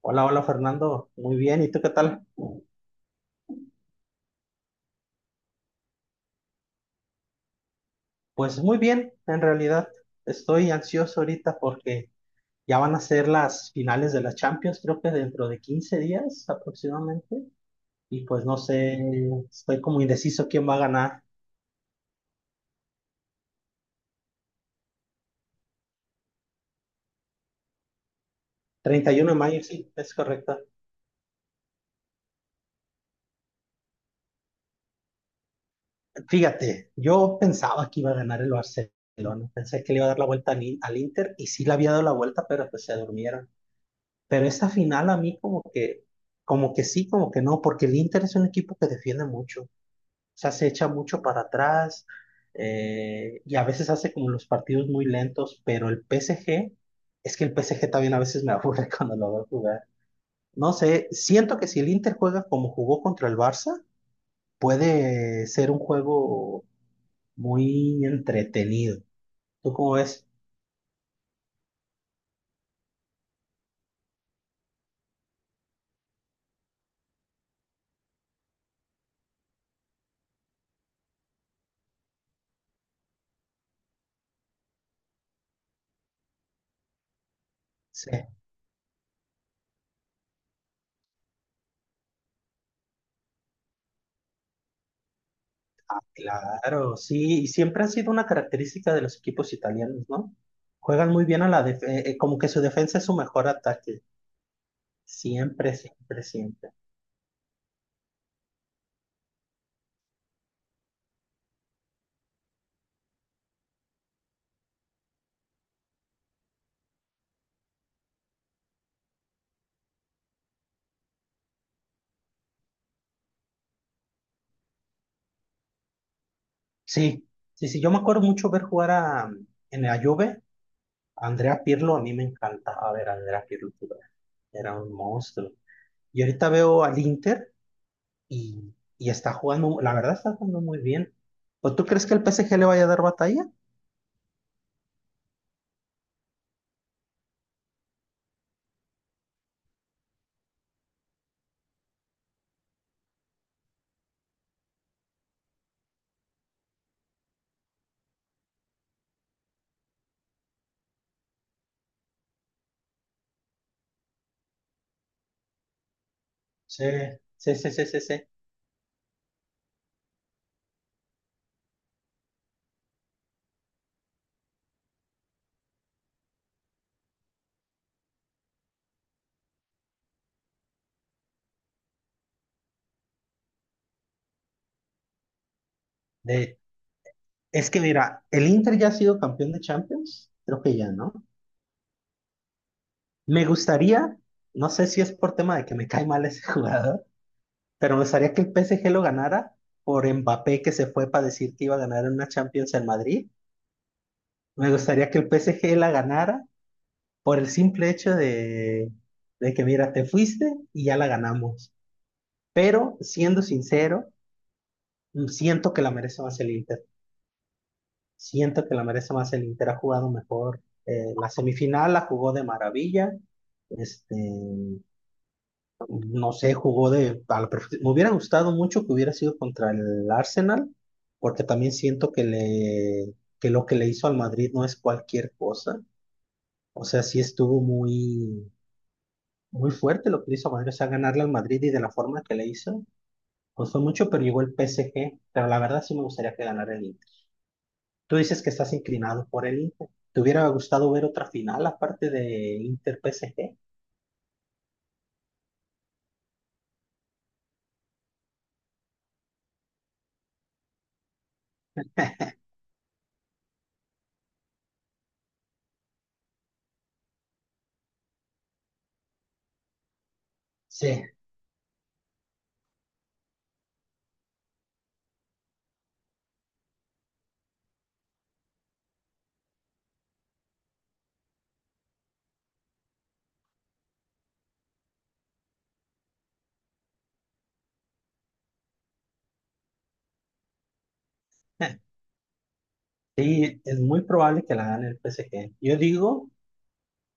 Hola, hola Fernando, muy bien, ¿y tú qué tal? Pues muy bien, en realidad estoy ansioso ahorita porque ya van a ser las finales de la Champions, creo que dentro de 15 días aproximadamente, y pues no sé, estoy como indeciso quién va a ganar. 31 de mayo, sí, es correcto. Fíjate, yo pensaba que iba a ganar el Barcelona, pensé que le iba a dar la vuelta al Inter y sí le había dado la vuelta, pero pues se durmieron. Pero esta final a mí como que sí, como que no, porque el Inter es un equipo que defiende mucho, o sea, se echa mucho para atrás, y a veces hace como los partidos muy lentos, pero el PSG, es que el PSG también a veces me aburre cuando lo veo jugar. No sé, siento que si el Inter juega como jugó contra el Barça, puede ser un juego muy entretenido. ¿Tú cómo ves? Sí. Claro, sí, y siempre ha sido una característica de los equipos italianos, ¿no? Juegan muy bien a la defensa, como que su defensa es su mejor ataque, siempre, siempre, siempre. Sí, sí, sí, yo me acuerdo mucho ver jugar a, en la Juve, a Andrea Pirlo, a mí me encantaba ver a Andrea Pirlo jugar, era un monstruo. Y ahorita veo al Inter y, y está jugando, la verdad está jugando muy bien. ¿O tú crees que el PSG le vaya a dar batalla? Sí, sí, sí, sí, sí, sí. De, es que mira, el Inter ya ha sido campeón de Champions, creo que ya, ¿no? Me gustaría, no sé si es por tema de que me cae mal ese jugador, pero me gustaría que el PSG lo ganara por Mbappé que se fue para decir que iba a ganar en una Champions en Madrid. Me gustaría que el PSG la ganara por el simple hecho de que, mira, te fuiste y ya la ganamos. Pero siendo sincero, siento que la merece más el Inter. Siento que la merece más el Inter. Ha jugado mejor. La semifinal la jugó de maravilla. Este, no sé, jugó de a la perfe- me hubiera gustado mucho que hubiera sido contra el Arsenal, porque también siento que le que lo que le hizo al Madrid no es cualquier cosa. O sea, sí estuvo muy fuerte lo que hizo Madrid, o a ganarle al Madrid y de la forma que le hizo. Costó mucho, pero llegó el PSG. Pero la verdad sí me gustaría que ganara el Inter. Tú dices que estás inclinado por el Inter. ¿Te hubiera gustado ver otra final aparte de Inter-PSG? Sí. Sí, es muy probable que la gane el PSG. Yo digo,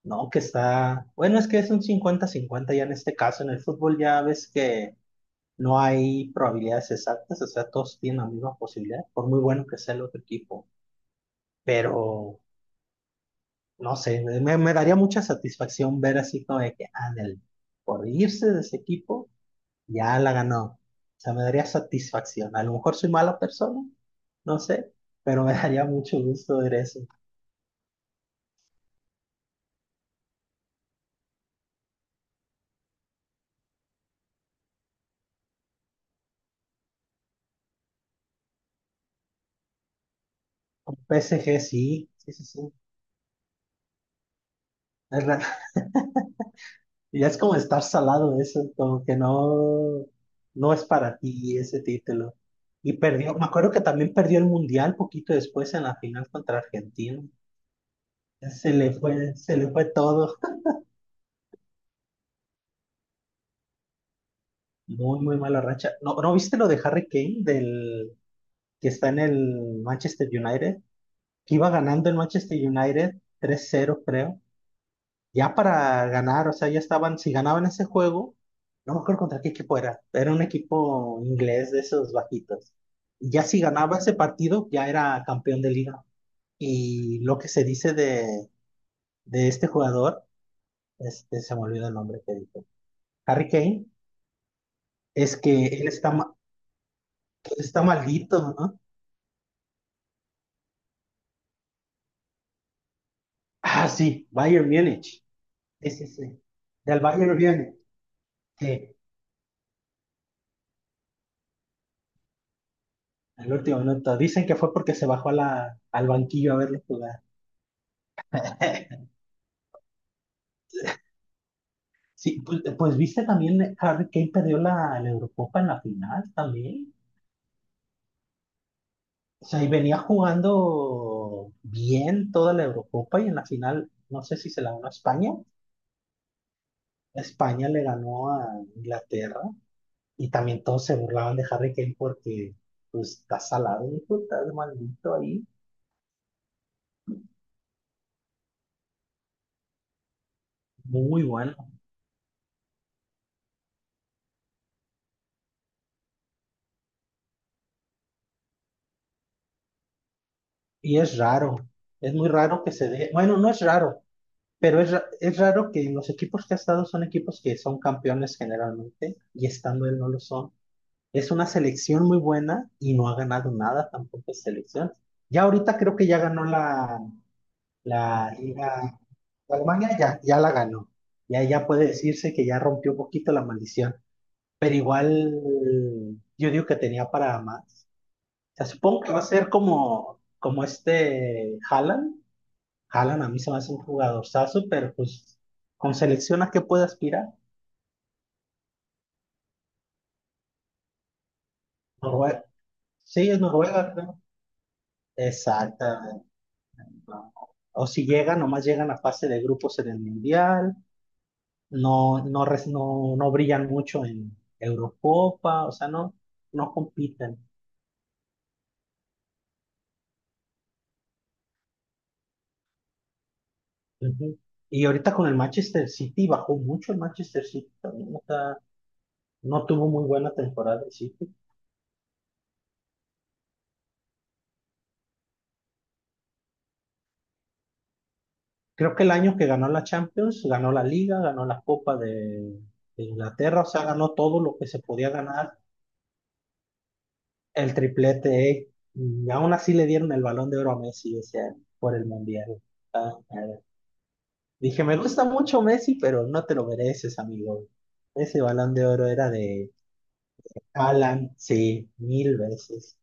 no, que está, bueno, es que es un 50-50 ya en este caso, en el fútbol ya ves que no hay probabilidades exactas, o sea, todos tienen la misma posibilidad, por muy bueno que sea el otro equipo, pero no sé, me daría mucha satisfacción ver así como de que, ándale, por irse de ese equipo, ya la ganó. O sea, me daría satisfacción. A lo mejor soy mala persona, no sé, pero me daría mucho gusto ver eso. Con PSG sí, sí, sí, sí. Es ra- ya es como estar salado eso, como que no, no es para ti ese título. Y perdió, me acuerdo que también perdió el Mundial poquito después en la final contra Argentina. Se le fue todo. Muy, muy mala racha. ¿No, no viste lo de Harry Kane, del que está en el Manchester United? Que iba ganando el Manchester United tres 0 creo. Ya para ganar, o sea, ya estaban, si ganaban ese juego, no me acuerdo contra qué equipo era. Era un equipo inglés de esos bajitos. Y ya si ganaba ese partido, ya era campeón de liga. Y lo que se dice de este jugador, este, se me olvidó el nombre que dijo. Harry Kane, es que él está, ma- que él está maldito, ¿no? Ah, sí, Bayern Múnich. Sí, sí, sí. Del Bayern viene. Sí, el último minuto. Dicen que fue porque se bajó a al banquillo a verlo jugar. Sí, pues, viste también Harry Kane perdió la Eurocopa en la final también. O sea, y venía jugando bien toda la Eurocopa y en la final, no sé si se la ganó a España. España le ganó a Inglaterra y también todos se burlaban de Harry Kane porque pues, está salado, hijo, está maldito ahí. Muy bueno. Y es raro, es muy raro que se dé, bueno, no es raro, pero es raro que los equipos que ha estado son equipos que son campeones generalmente y estando él no lo son. Es una selección muy buena y no ha ganado nada tampoco es selección. Ya ahorita creo que ya ganó la Liga de Alemania, ya, ya la ganó. Ya, ya puede decirse que ya rompió un poquito la maldición, pero igual yo digo que tenía para más. O sea, supongo que va a ser como este Haaland. Haaland a mí se me hace un jugadorzazo, pero pues con selecciones que puede aspirar. Noruega. Sí, es Noruega, creo. Exactamente. No. O si llegan, nomás llegan a fase de grupos en el Mundial, no brillan mucho en Eurocopa, o sea, no, no compiten. Ujú. Y ahorita con el Manchester City, bajó mucho el Manchester City también, o sea, no tuvo muy buena temporada el City. Creo que el año que ganó la Champions, ganó la Liga, ganó la Copa de Inglaterra, o sea, ganó todo lo que se podía ganar, el triplete, ¿eh? Y aún así le dieron el Balón de Oro a Messi ese año por el Mundial. Ah, dije, me gusta mucho Messi, pero no te lo mereces, amigo. Ese Balón de Oro era de Alan, sí, mil veces.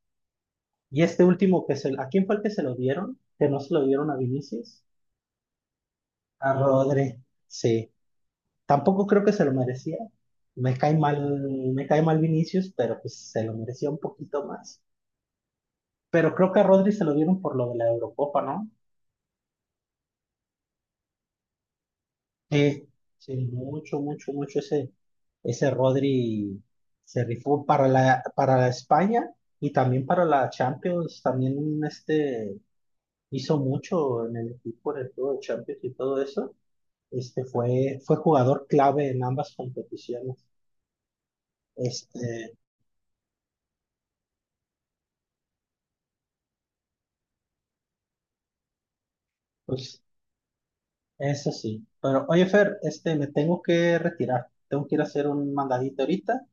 Y este último ¿a quién fue el que se lo dieron? Que no se lo dieron a Vinicius, a Rodri, sí. Tampoco creo que se lo merecía. Me cae mal, me cae mal Vinicius, pero pues se lo merecía un poquito más. Pero creo que a Rodri se lo dieron por lo de la Eurocopa, ¿no? Sí, sí, mucho, mucho, mucho ese Rodri se rifó para la España y también para la Champions. También este hizo mucho en el equipo, en el juego de Champions y todo eso. Este fue jugador clave en ambas competiciones. Este, pues eso sí. Pero oye, Fer, este, me tengo que retirar. Tengo que ir a hacer un mandadito ahorita.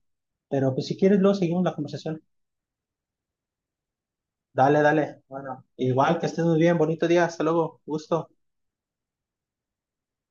Pero pues si quieres, luego seguimos la conversación. Dale, dale. Bueno, igual que estés muy bien. Bonito día. Hasta luego. Gusto.